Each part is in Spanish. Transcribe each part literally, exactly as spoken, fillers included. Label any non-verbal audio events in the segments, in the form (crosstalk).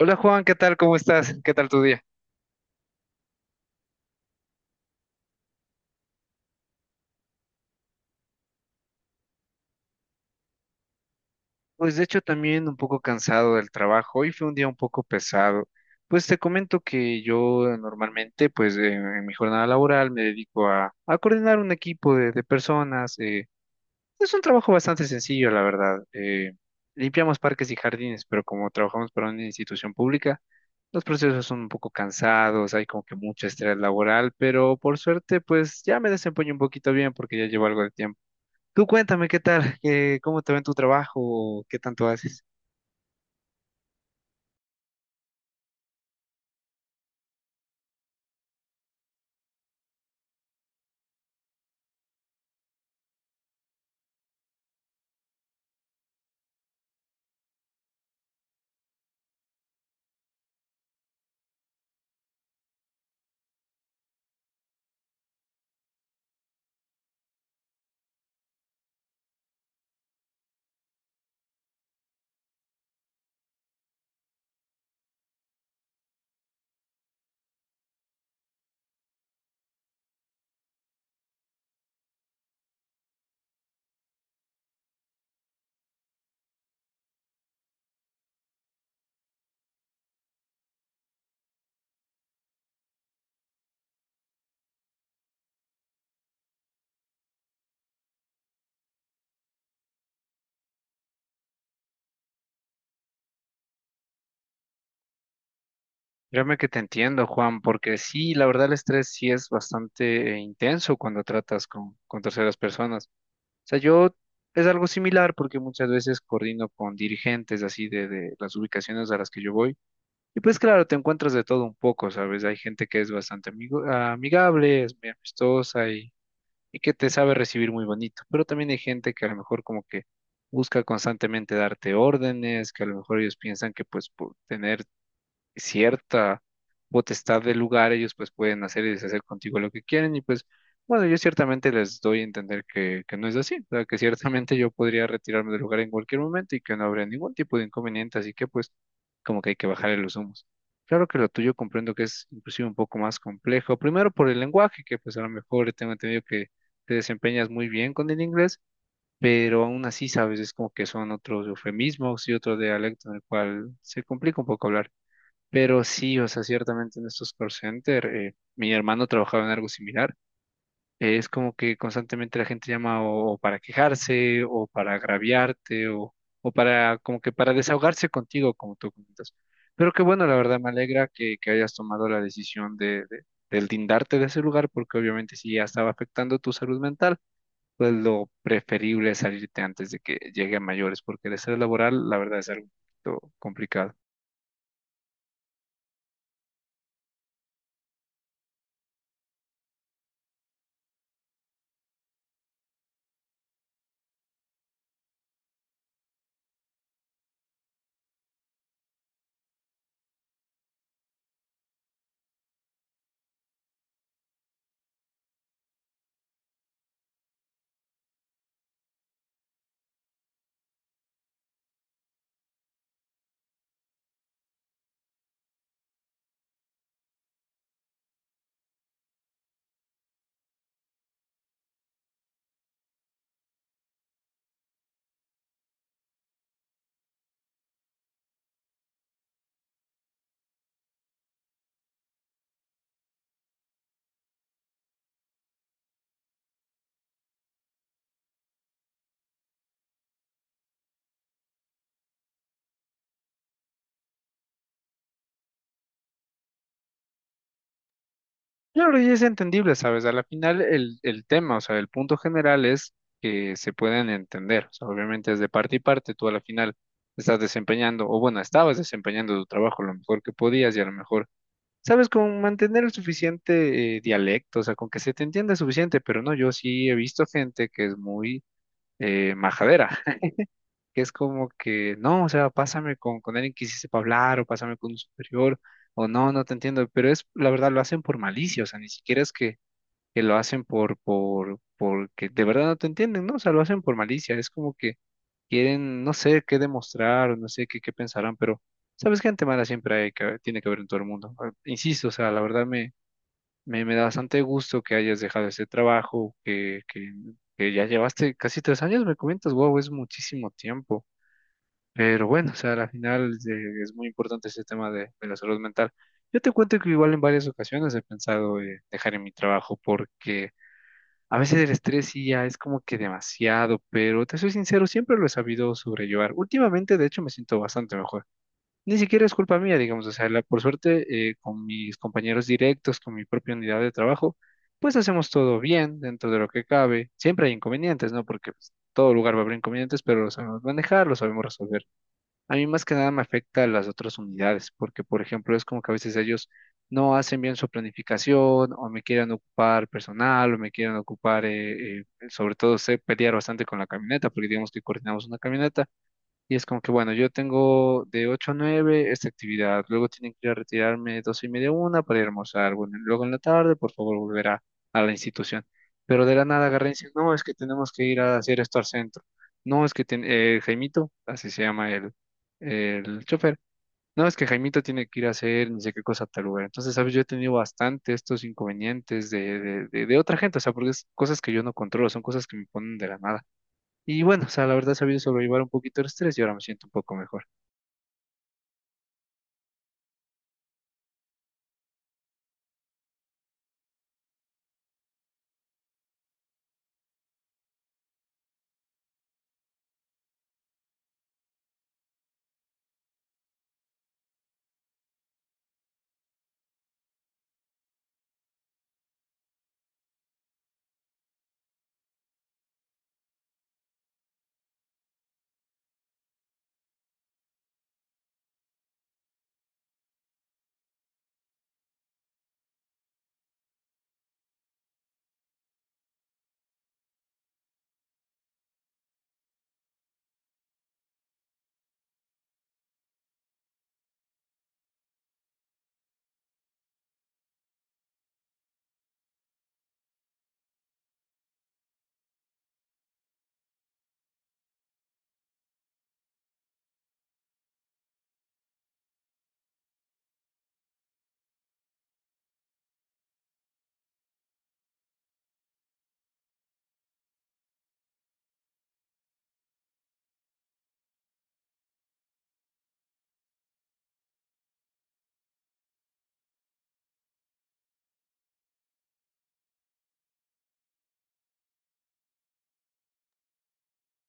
Hola Juan, ¿qué tal? ¿Cómo estás? ¿Qué tal tu día? Pues de hecho también un poco cansado del trabajo. Hoy fue un día un poco pesado. Pues te comento que yo eh, normalmente, pues eh, en mi jornada laboral me dedico a, a coordinar un equipo de, de personas. eh, Es un trabajo bastante sencillo, la verdad. Eh, limpiamos parques y jardines, pero como trabajamos para una institución pública, los procesos son un poco cansados, hay como que mucho estrés laboral, pero por suerte, pues ya me desempeño un poquito bien porque ya llevo algo de tiempo. Tú cuéntame qué tal, eh, cómo te va en tu trabajo, qué tanto haces. Créeme que te entiendo, Juan, porque sí, la verdad el estrés sí es bastante eh, intenso cuando tratas con, con terceras personas. O sea, yo es algo similar porque muchas veces coordino con dirigentes así de, de las ubicaciones a las que yo voy. Y pues claro, te encuentras de todo un poco, ¿sabes? Hay gente que es bastante amigo, amigable, es muy amistosa y que te sabe recibir muy bonito. Pero también hay gente que a lo mejor como que busca constantemente darte órdenes, que a lo mejor ellos piensan que pues por tener cierta potestad del lugar, ellos pues pueden hacer y deshacer contigo lo que quieren y pues bueno, yo ciertamente les doy a entender que, que no es así, o sea, que ciertamente yo podría retirarme del lugar en cualquier momento y que no habría ningún tipo de inconveniente, así que pues como que hay que bajarle los humos. Claro que lo tuyo comprendo que es inclusive un poco más complejo, primero por el lenguaje, que pues a lo mejor tengo entendido que te desempeñas muy bien con el inglés, pero aún así sabes, es como que son otros eufemismos y otro dialecto en el cual se complica un poco hablar. Pero sí, o sea, ciertamente en estos call center, eh, mi hermano trabajaba en algo similar. Eh, es como que constantemente la gente llama o, o para quejarse, o para agraviarte, o, o para como que para desahogarse contigo, como tú comentas. Pero qué bueno, la verdad, me alegra que, que hayas tomado la decisión de, de, del lindarte de ese lugar, porque obviamente si ya estaba afectando tu salud mental, pues lo preferible es salirte antes de que llegue a mayores, porque el estrés laboral, la verdad, es algo un poquito complicado. Claro, y es entendible, ¿sabes? A la final el, el tema, o sea, el punto general es que se pueden entender. O sea, obviamente es de parte y parte, tú a la final estás desempeñando, o bueno, estabas desempeñando tu trabajo lo mejor que podías y a lo mejor, ¿sabes? Con mantener el suficiente eh, dialecto, o sea, con que se te entienda suficiente, pero no, yo sí he visto gente que es muy eh, majadera, (laughs) que es como que, no, o sea, pásame con, con alguien que sí sepa hablar o pásame con un superior. O no, no te entiendo, pero es, la verdad, lo hacen por malicia, o sea, ni siquiera es que que lo hacen por, por, porque de verdad no te entienden, ¿no? O sea, lo hacen por malicia, es como que quieren, no sé qué demostrar, no sé qué, qué pensarán, pero sabes que gente mala siempre hay que, tiene que haber en todo el mundo. Ah, insisto, o sea, la verdad me, me, me da bastante gusto que hayas dejado ese trabajo, que, que, que ya llevaste casi tres años, me comentas, wow, es muchísimo tiempo. Pero bueno, o sea, al final eh, es muy importante ese tema de, de la salud mental. Yo te cuento que igual en varias ocasiones he pensado eh, dejar en mi trabajo porque a veces el estrés sí ya es como que demasiado, pero te soy sincero, siempre lo he sabido sobrellevar. Últimamente, de hecho, me siento bastante mejor. Ni siquiera es culpa mía, digamos, o sea, la- por suerte, eh, con mis compañeros directos, con mi propia unidad de trabajo, pues hacemos todo bien dentro de lo que cabe. Siempre hay inconvenientes, ¿no? Porque pues, todo lugar va a haber inconvenientes, pero lo sabemos manejar, lo sabemos resolver. A mí más que nada me afecta a las otras unidades, porque por ejemplo es como que a veces ellos no hacen bien su planificación o me quieren ocupar personal o me quieren ocupar, eh, eh, sobre todo sé pelear bastante con la camioneta, porque digamos que coordinamos una camioneta y es como que, bueno, yo tengo de ocho a nueve esta actividad, luego tienen que ir a retirarme doce y media, una para ir a almorzar, bueno, y luego en la tarde, por favor, volver a, a la institución. Pero de la nada agarran y dicen, no, es que tenemos que ir a hacer esto al centro. No, es que ten- eh, Jaimito, así se llama el, el chofer, no, es que Jaimito tiene que ir a hacer ni sé qué cosa a tal lugar. Entonces, ¿sabes? Yo he tenido bastante estos inconvenientes de, de, de, de otra gente, o sea, porque es cosas que yo no controlo, son cosas que me ponen de la nada. Y bueno, o sea, la verdad he sabido sobrellevar un poquito el estrés y ahora me siento un poco mejor.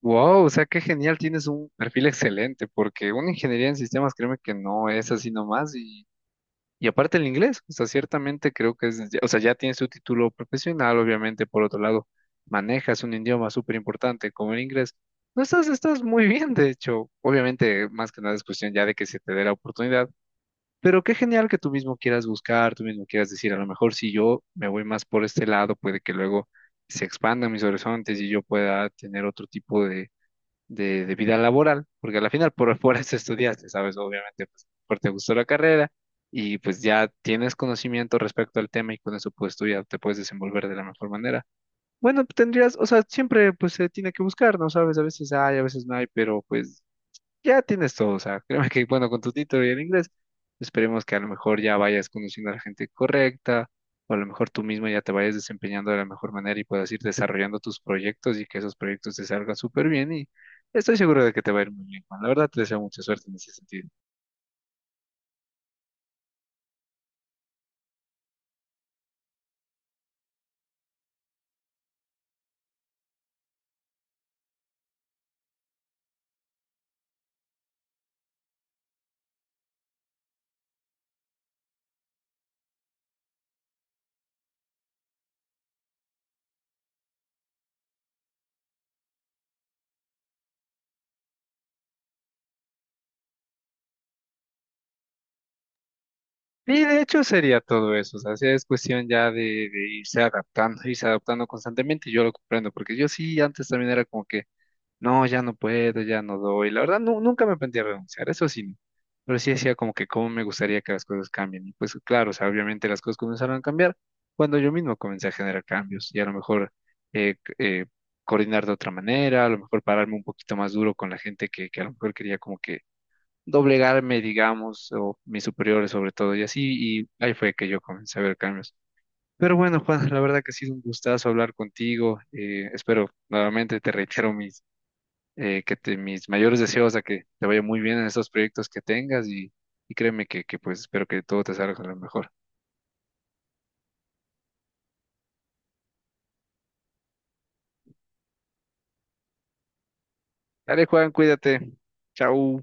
Wow, o sea, qué genial, tienes un perfil excelente, porque una ingeniería en sistemas, créeme que no es así nomás. Y, y aparte el inglés, o sea, ciertamente creo que es, o sea, ya tienes tu título profesional, obviamente, por otro lado, manejas un idioma súper importante como el inglés. No estás, estás muy bien, de hecho, obviamente, más que nada es cuestión ya de que se te dé la oportunidad. Pero qué genial que tú mismo quieras buscar, tú mismo quieras decir, a lo mejor si yo me voy más por este lado, puede que luego se expandan mis horizontes y yo pueda tener otro tipo de, de, de vida laboral, porque al final por, por eso (laughs) estudiaste, ¿sabes? Obviamente, pues, porque te gustó la carrera y pues ya tienes conocimiento respecto al tema y con eso pues tú ya te puedes desenvolver de la mejor manera. Bueno, tendrías, o sea, siempre pues se tiene que buscar, ¿no? Sabes, a veces hay, a veces no hay, pero pues ya tienes todo, o sea, créeme que, bueno, con tu título y el inglés, esperemos que a lo mejor ya vayas conociendo a la gente correcta, o a lo mejor tú mismo ya te vayas desempeñando de la mejor manera y puedas ir desarrollando tus proyectos y que esos proyectos te salgan súper bien y estoy seguro de que te va a ir muy bien, Juan. La verdad te deseo mucha suerte en ese sentido. Y de hecho sería todo eso, o sea, sí es cuestión ya de, de irse adaptando, irse adaptando constantemente, y yo lo comprendo, porque yo sí antes también era como que no, ya no puedo, ya no doy. La verdad, nu- nunca me planteé renunciar, eso sí. No. Pero sí decía como que cómo me gustaría que las cosas cambien. Y pues claro, o sea, obviamente las cosas comenzaron a cambiar cuando yo mismo comencé a generar cambios y a lo mejor eh, c- eh, coordinar de otra manera, a lo mejor pararme un poquito más duro con la gente que, que a lo mejor quería como que doblegarme, digamos, o mis superiores sobre todo y así. Y ahí fue que yo comencé a ver cambios. Pero bueno, Juan, la verdad que ha sido un gustazo hablar contigo. Eh, espero, nuevamente te reitero mis eh, que te, mis mayores deseos a que te vaya muy bien en estos proyectos que tengas y, y créeme que, que pues espero que todo te salga a lo mejor. Dale, Juan, cuídate. Chau.